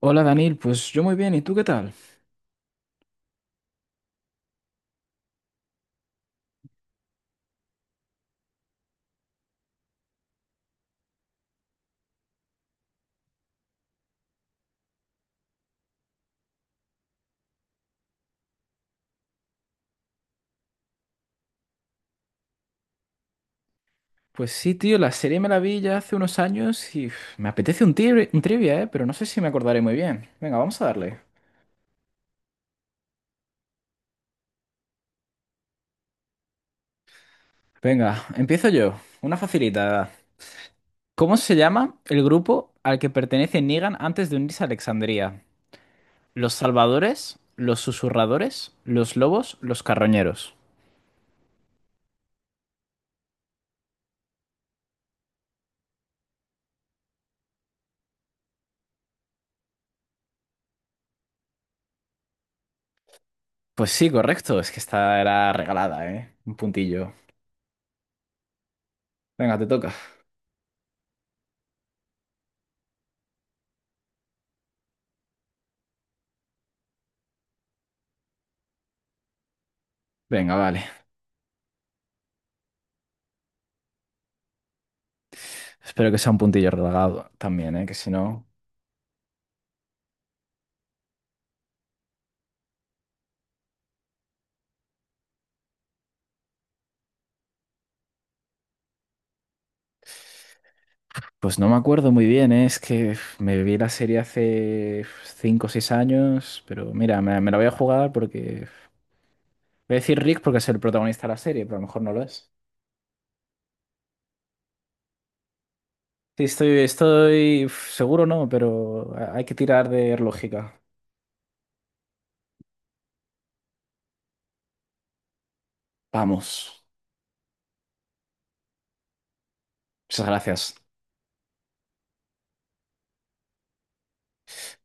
Hola Daniel, pues yo muy bien, ¿y tú qué tal? Pues sí, tío, la serie me la vi ya hace unos años y uf, me apetece un trivia, ¿eh? Pero no sé si me acordaré muy bien. Venga, vamos a darle. Venga, empiezo yo. Una facilita. ¿Cómo se llama el grupo al que pertenece Negan antes de unirse a Alexandría? ¿Los Salvadores? ¿Los Susurradores? ¿Los Lobos? ¿Los Carroñeros? Pues sí, correcto, es que esta era regalada, ¿eh? Un puntillo. Venga, te toca. Venga, vale. Espero que sea un puntillo regalado también, ¿eh? Que si no... Pues no me acuerdo muy bien, ¿eh? Es que uf, me vi la serie hace 5 o 6 años, pero mira, me la voy a jugar porque, uf, voy a decir Rick porque es el protagonista de la serie, pero a lo mejor no lo es. Sí, estoy uf, seguro no, pero hay que tirar de lógica. Vamos. Muchas gracias.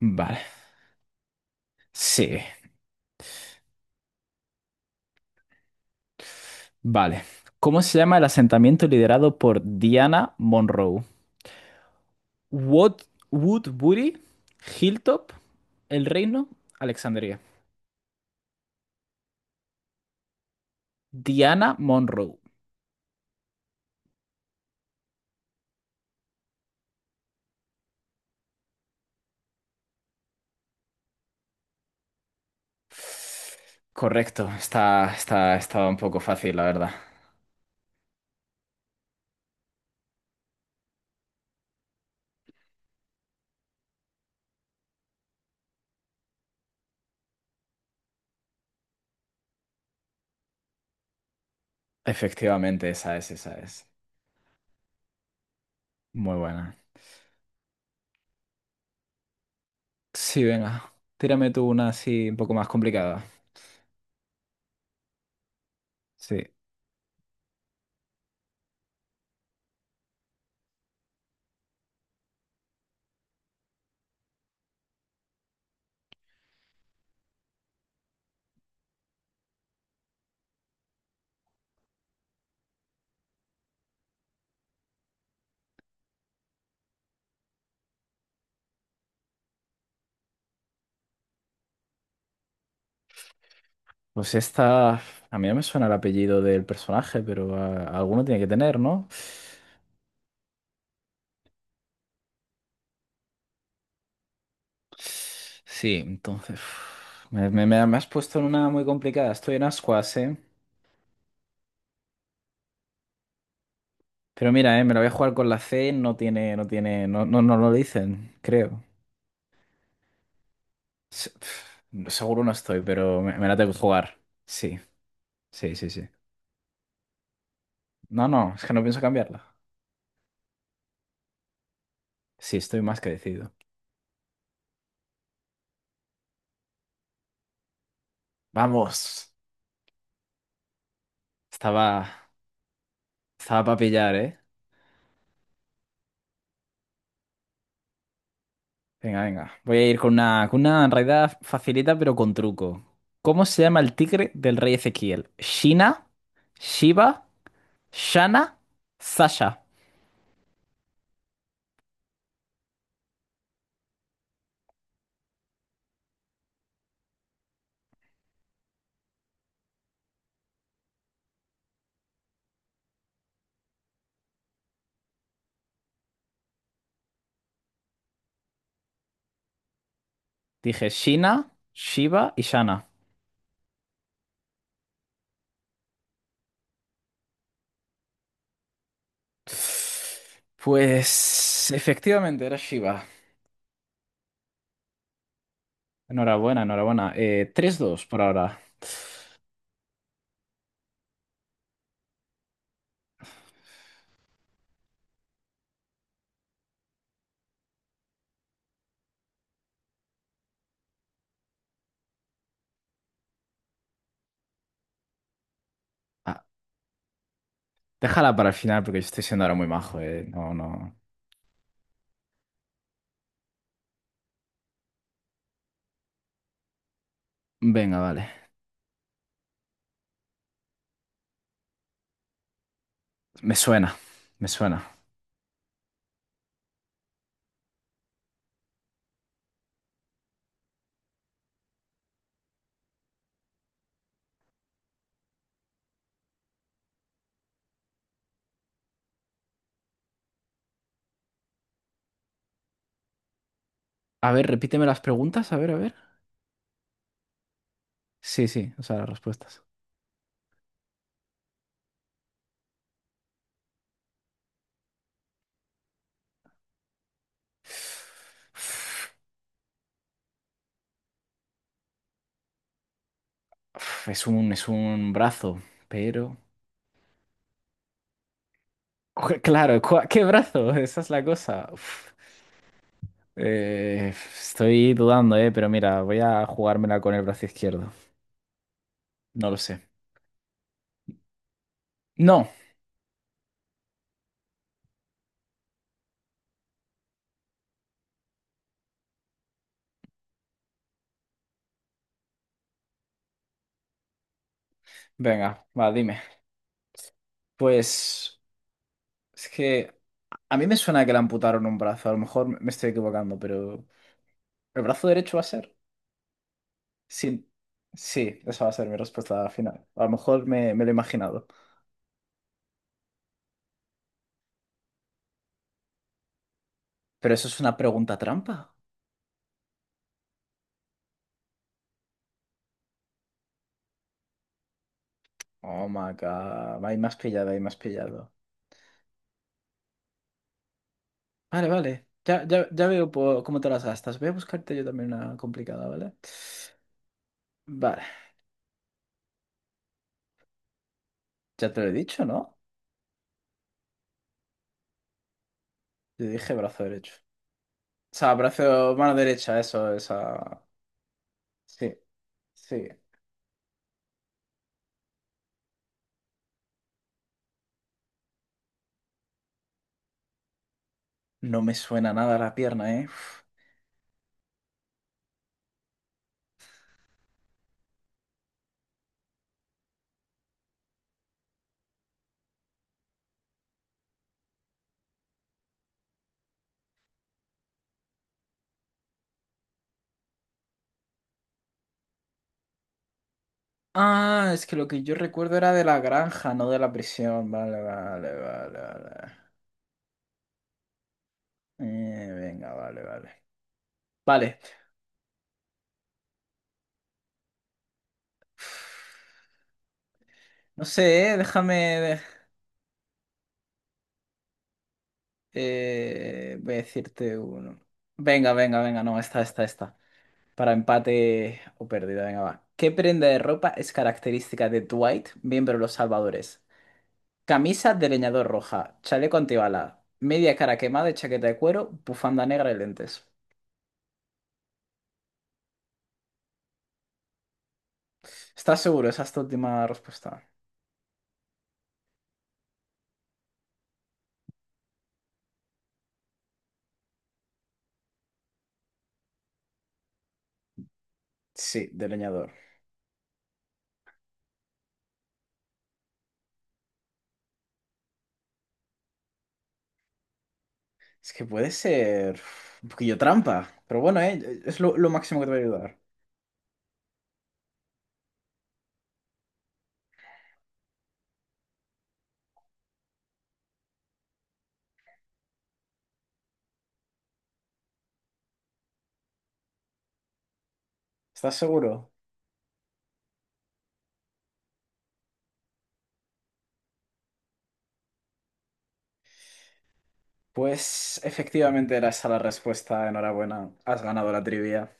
Vale. Sí, vale. ¿Cómo se llama el asentamiento liderado por Diana Monroe? Wood, Woodbury, Hilltop, El Reino, Alexandria. Diana Monroe. Correcto, estaba un poco fácil, la verdad. Efectivamente, esa es, esa es. Muy buena. Sí, venga, tírame tú una así un poco más complicada. Sí. Pues esta, a mí no me suena el apellido del personaje, pero ah, alguno tiene que tener, ¿no? Sí, entonces. Me has puesto en una muy complicada. Estoy en ascuas, ¿eh? Pero mira, me la voy a jugar con la C, no tiene, no tiene, no, no, no lo dicen, creo. Se- pf, Seguro no estoy, pero me la tengo que jugar. Sí, sí, sí, sí. No, no, es que no pienso cambiarla. Sí, estoy más que decidido. Vamos. Estaba, estaba para pillar, ¿eh? Venga, venga. Voy a ir con una en realidad facilita, pero con truco. ¿Cómo se llama el tigre del rey Ezequiel? ¿Shina? ¿Shiva? ¿Shana? ¿Sasha? Dije Shina, Shiva y Shana. Pues efectivamente era Shiva. Enhorabuena, enhorabuena. 3-2 por ahora. Ah, déjala para el final porque yo estoy siendo ahora muy majo, eh. No, no. Venga, vale. Me suena, me suena. A ver, repíteme las preguntas, a ver, a ver. Sí, sí, o sea, las respuestas. Es un brazo, pero... Claro, ¿qué brazo? Esa es la cosa. Uf. Eh, estoy dudando, pero mira, voy a jugármela con el brazo izquierdo. No lo sé. No. Venga, va, dime. Pues... Es que a mí me suena que le amputaron un brazo. A lo mejor me estoy equivocando, pero ¿el brazo derecho va a ser? Sí, sí, esa va a ser mi respuesta final. A lo mejor me lo he imaginado. Pero eso es una pregunta trampa. Oh my God. Ahí más pillado, ahí más pillado. Vale, vale. Ya, ya, ya veo cómo te las gastas. Voy a buscarte yo también una complicada, ¿vale? Vale. Ya te lo he dicho, ¿no? Yo dije brazo derecho. O sea, brazo, mano derecha, eso, esa. Sí, sí. No me suena nada la pierna, ¿eh? Uf. Ah, es que lo que yo recuerdo era de la granja, no de la prisión. Vale, vale, vale, vale. Venga, vale, vale. Vale. No sé, ¿eh? Déjame, de- voy a decirte uno. Venga, venga, venga, no, esta, esta, esta. Para empate o pérdida, venga, va. ¿Qué prenda de ropa es característica de Dwight, miembro de los Salvadores? Camisa de leñador roja, chaleco antibala, media cara quemada y chaqueta de cuero, bufanda negra y lentes. ¿Estás seguro? Esa es tu última respuesta. Sí, de leñador. Es que puede ser uf, un poquillo trampa, pero bueno, es lo máximo que te voy a ayudar. ¿Estás seguro? Pues efectivamente era esa la respuesta. Enhorabuena, has ganado la trivia.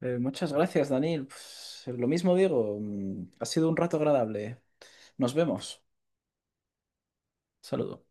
Muchas gracias, Daniel. Pues, lo mismo digo, ha sido un rato agradable. Nos vemos. Saludo.